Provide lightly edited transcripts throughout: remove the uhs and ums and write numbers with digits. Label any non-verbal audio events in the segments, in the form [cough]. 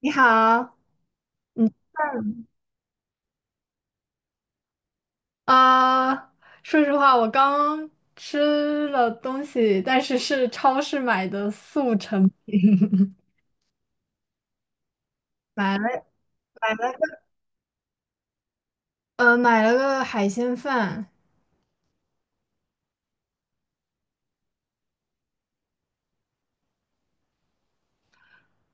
你好，你啊，说实话，我刚吃了东西，但是是超市买的速成品，[laughs] 买了买了个买了个海鲜饭，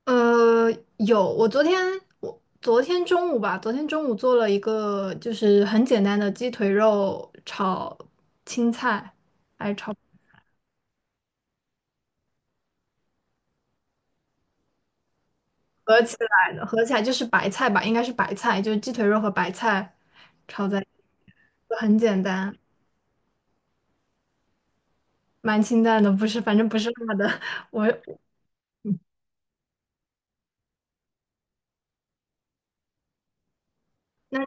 呃有，我昨天我昨天中午吧，昨天中午做了一个就是很简单的鸡腿肉炒青菜，合起来的，合起来就是白菜吧，应该是白菜，就是鸡腿肉和白菜炒在，就很简单。蛮清淡的，不是，反正不是辣的。[laughs] 我那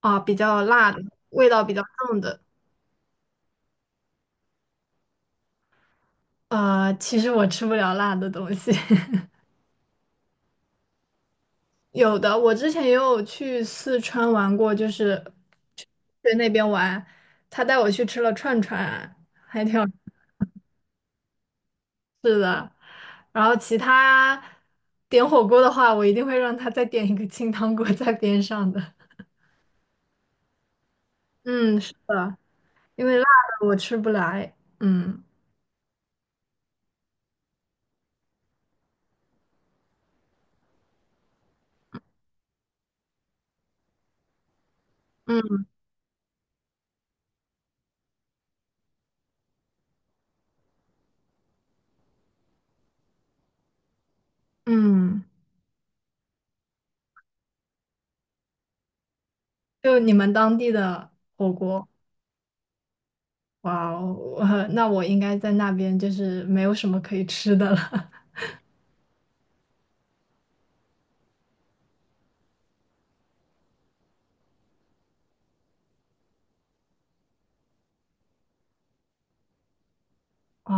啊，比较辣的，味道比较重的。呃，其实我吃不了辣的东西。[laughs] 有的，我之前也有去四川玩过，就是去去那边玩，他带我去吃了串串，还挺好吃的。然后其他点火锅的话，我一定会让他再点一个清汤锅在边上的。嗯，是的，因为辣的我吃不来。嗯嗯。嗯就你们当地的火锅，哇哦，[laughs] 那我应该在那边就是没有什么可以吃的了。[laughs] 啊，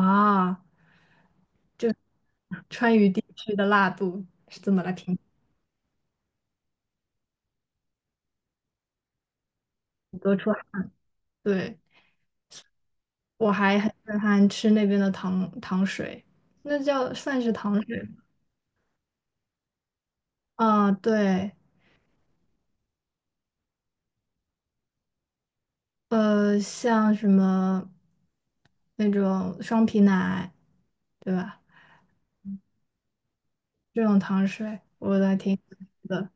川渝地区的辣度是怎么来评得出来？对，我还很震撼吃那边的糖水，那叫算是糖水吗？啊，对，呃，像什么那种双皮奶，对吧？这种糖水我都还挺喜欢的。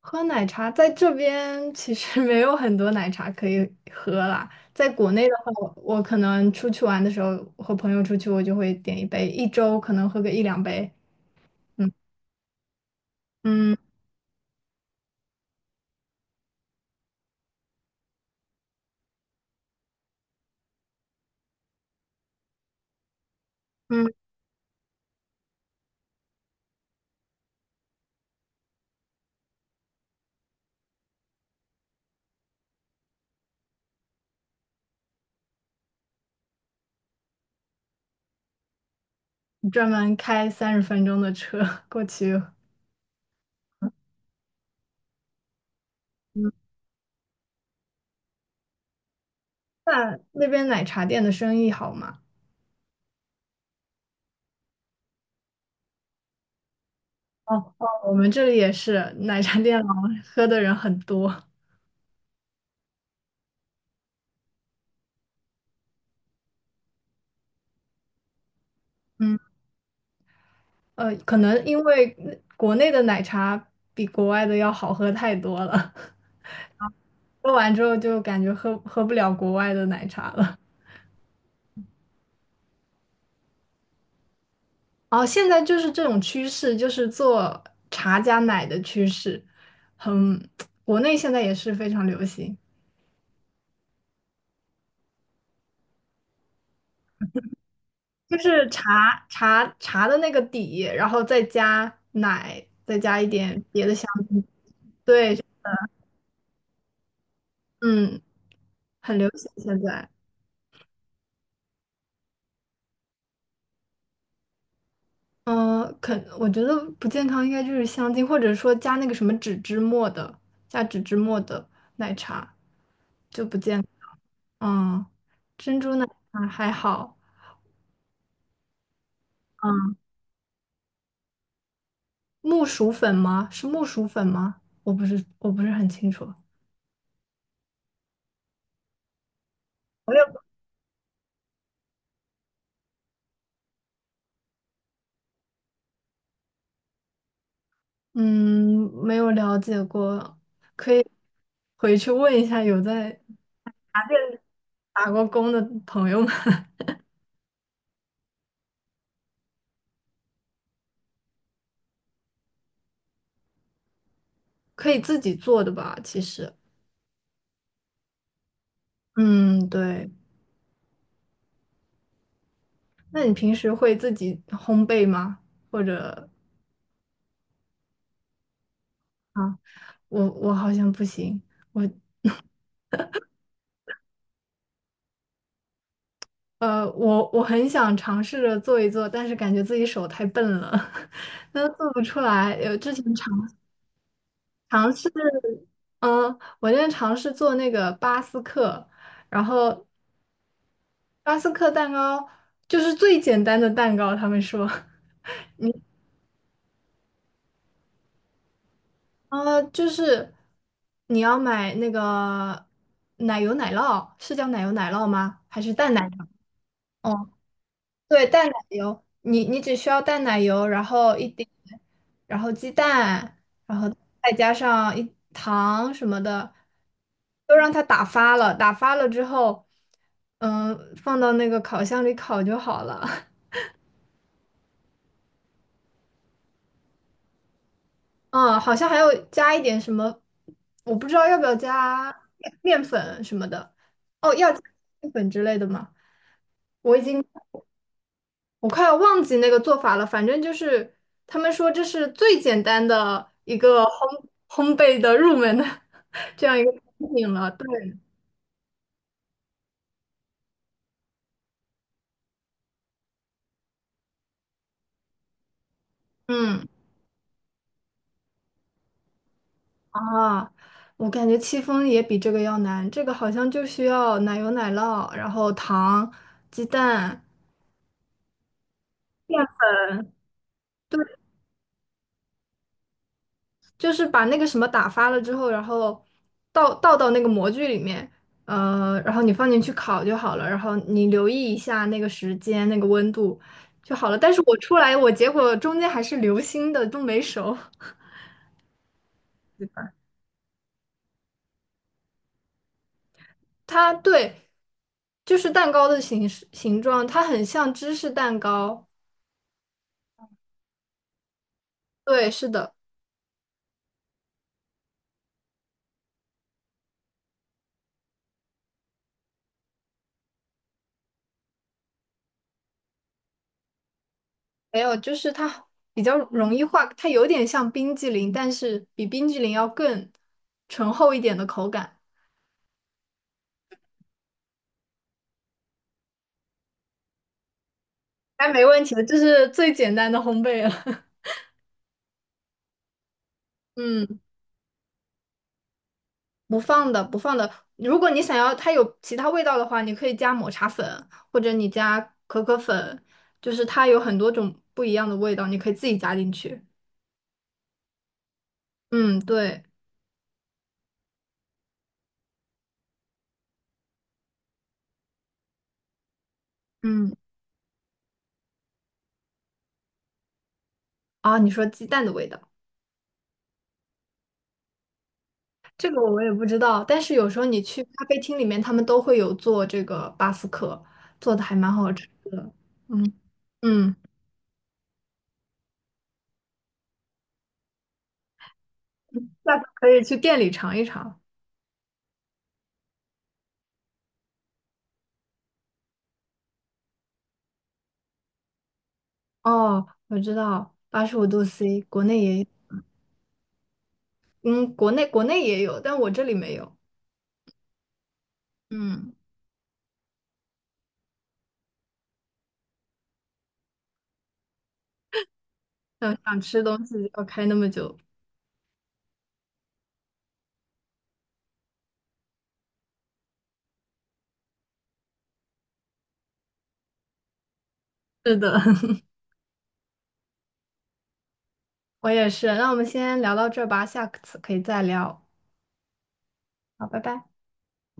喝奶茶在这边其实 [laughs] 没有很多奶茶可以喝啦。在国内的话，我可能出去玩的时候，和朋友出去，我就会点一杯，一周可能喝个一两杯。嗯嗯嗯，专门开30分钟的车 [laughs] 过去。嗯，那那边奶茶店的生意好吗？哦哦，我们这里也是奶茶店老喝的人很多。嗯呃，可能因为国内的奶茶比国外的要好喝太多了。[laughs] 喝完之后就感觉喝不了国外的奶茶了。哦，现在就是这种趋势，就是做茶加奶的趋势，很，国内现在也是非常流行，就是茶的那个底，然后再加奶，再加一点别的香精，对，嗯，很流行现在。嗯，可我觉得不健康应该就是香精，或者说加那个什么脂末的，加脂脂末的奶茶就不健康。嗯。啊，还好。嗯，木薯粉吗？是木薯粉吗？我不是，我不是很清楚。我也不嗯，没有了解过，可以回去问一下有在打过工的朋友们，[laughs] 可以自己做的吧？其实，嗯，对。那你平时会自己烘焙吗？或者啊，我好像不行，我呃，我很想尝试着做一做，但是感觉自己手太笨了，[laughs] 那做不出来。有之前。尝。尝试，嗯，我现在尝试做那个巴斯克，然后巴斯克蛋糕就是最简单的蛋糕，他们说，呃，就是你要买那个奶油奶酪，是叫奶油奶酪吗？还是淡奶哦。对，淡奶油，你只需要淡奶油，然后一点，然后鸡蛋，然后再加上一糖什么的，都让它打发了。打发了之后，嗯，放到那个烤箱里烤就好了。[laughs] 嗯，好像还要加一点什么，我不知道要不要加面粉什么的。哦，要加面粉之类的吗？我已经。我快要忘记那个做法了，反正就是他们说这是最简单的一个烘焙的入门的 [laughs] 这样一个产品了。对，嗯啊，我感觉戚风也比这个要难，这个好像就需要奶油、奶酪，然后糖、鸡蛋。就是把那个什么打发了之后，然后倒到那个模具里面，呃，然后你放进去烤就好了，然后你留意一下那个时间、那个温度就好了。但是我出来，我结果中间还是流心的，都没熟。它对，就是蛋糕的形状，它很像芝士蛋糕。对，是的，还有就是它比较容易化，它有点像冰激凌，但是比冰激凌要更醇厚一点的口感。哎，没问题的，这是最简单的烘焙了。[laughs] 嗯，不放的，不放的。如果你想要它有其他味道的话，你可以加抹茶粉，或者你加可可粉，就是它有很多种不一样的味道，你可以自己加进去。嗯，对，嗯，啊，你说鸡蛋的味道，这个我也不知道，但是有时候你去咖啡厅里面，他们都会有做这个巴斯克，做的还蛮好吃的。嗯嗯，下次可以去店里尝一尝。哦，我知道，85度C，国内也，嗯，国内也有，但我这里没有。嗯，想想吃东西要开那么久。是的，[laughs] 我也是。那我们先聊到这儿吧，下次可以再聊。好，拜拜。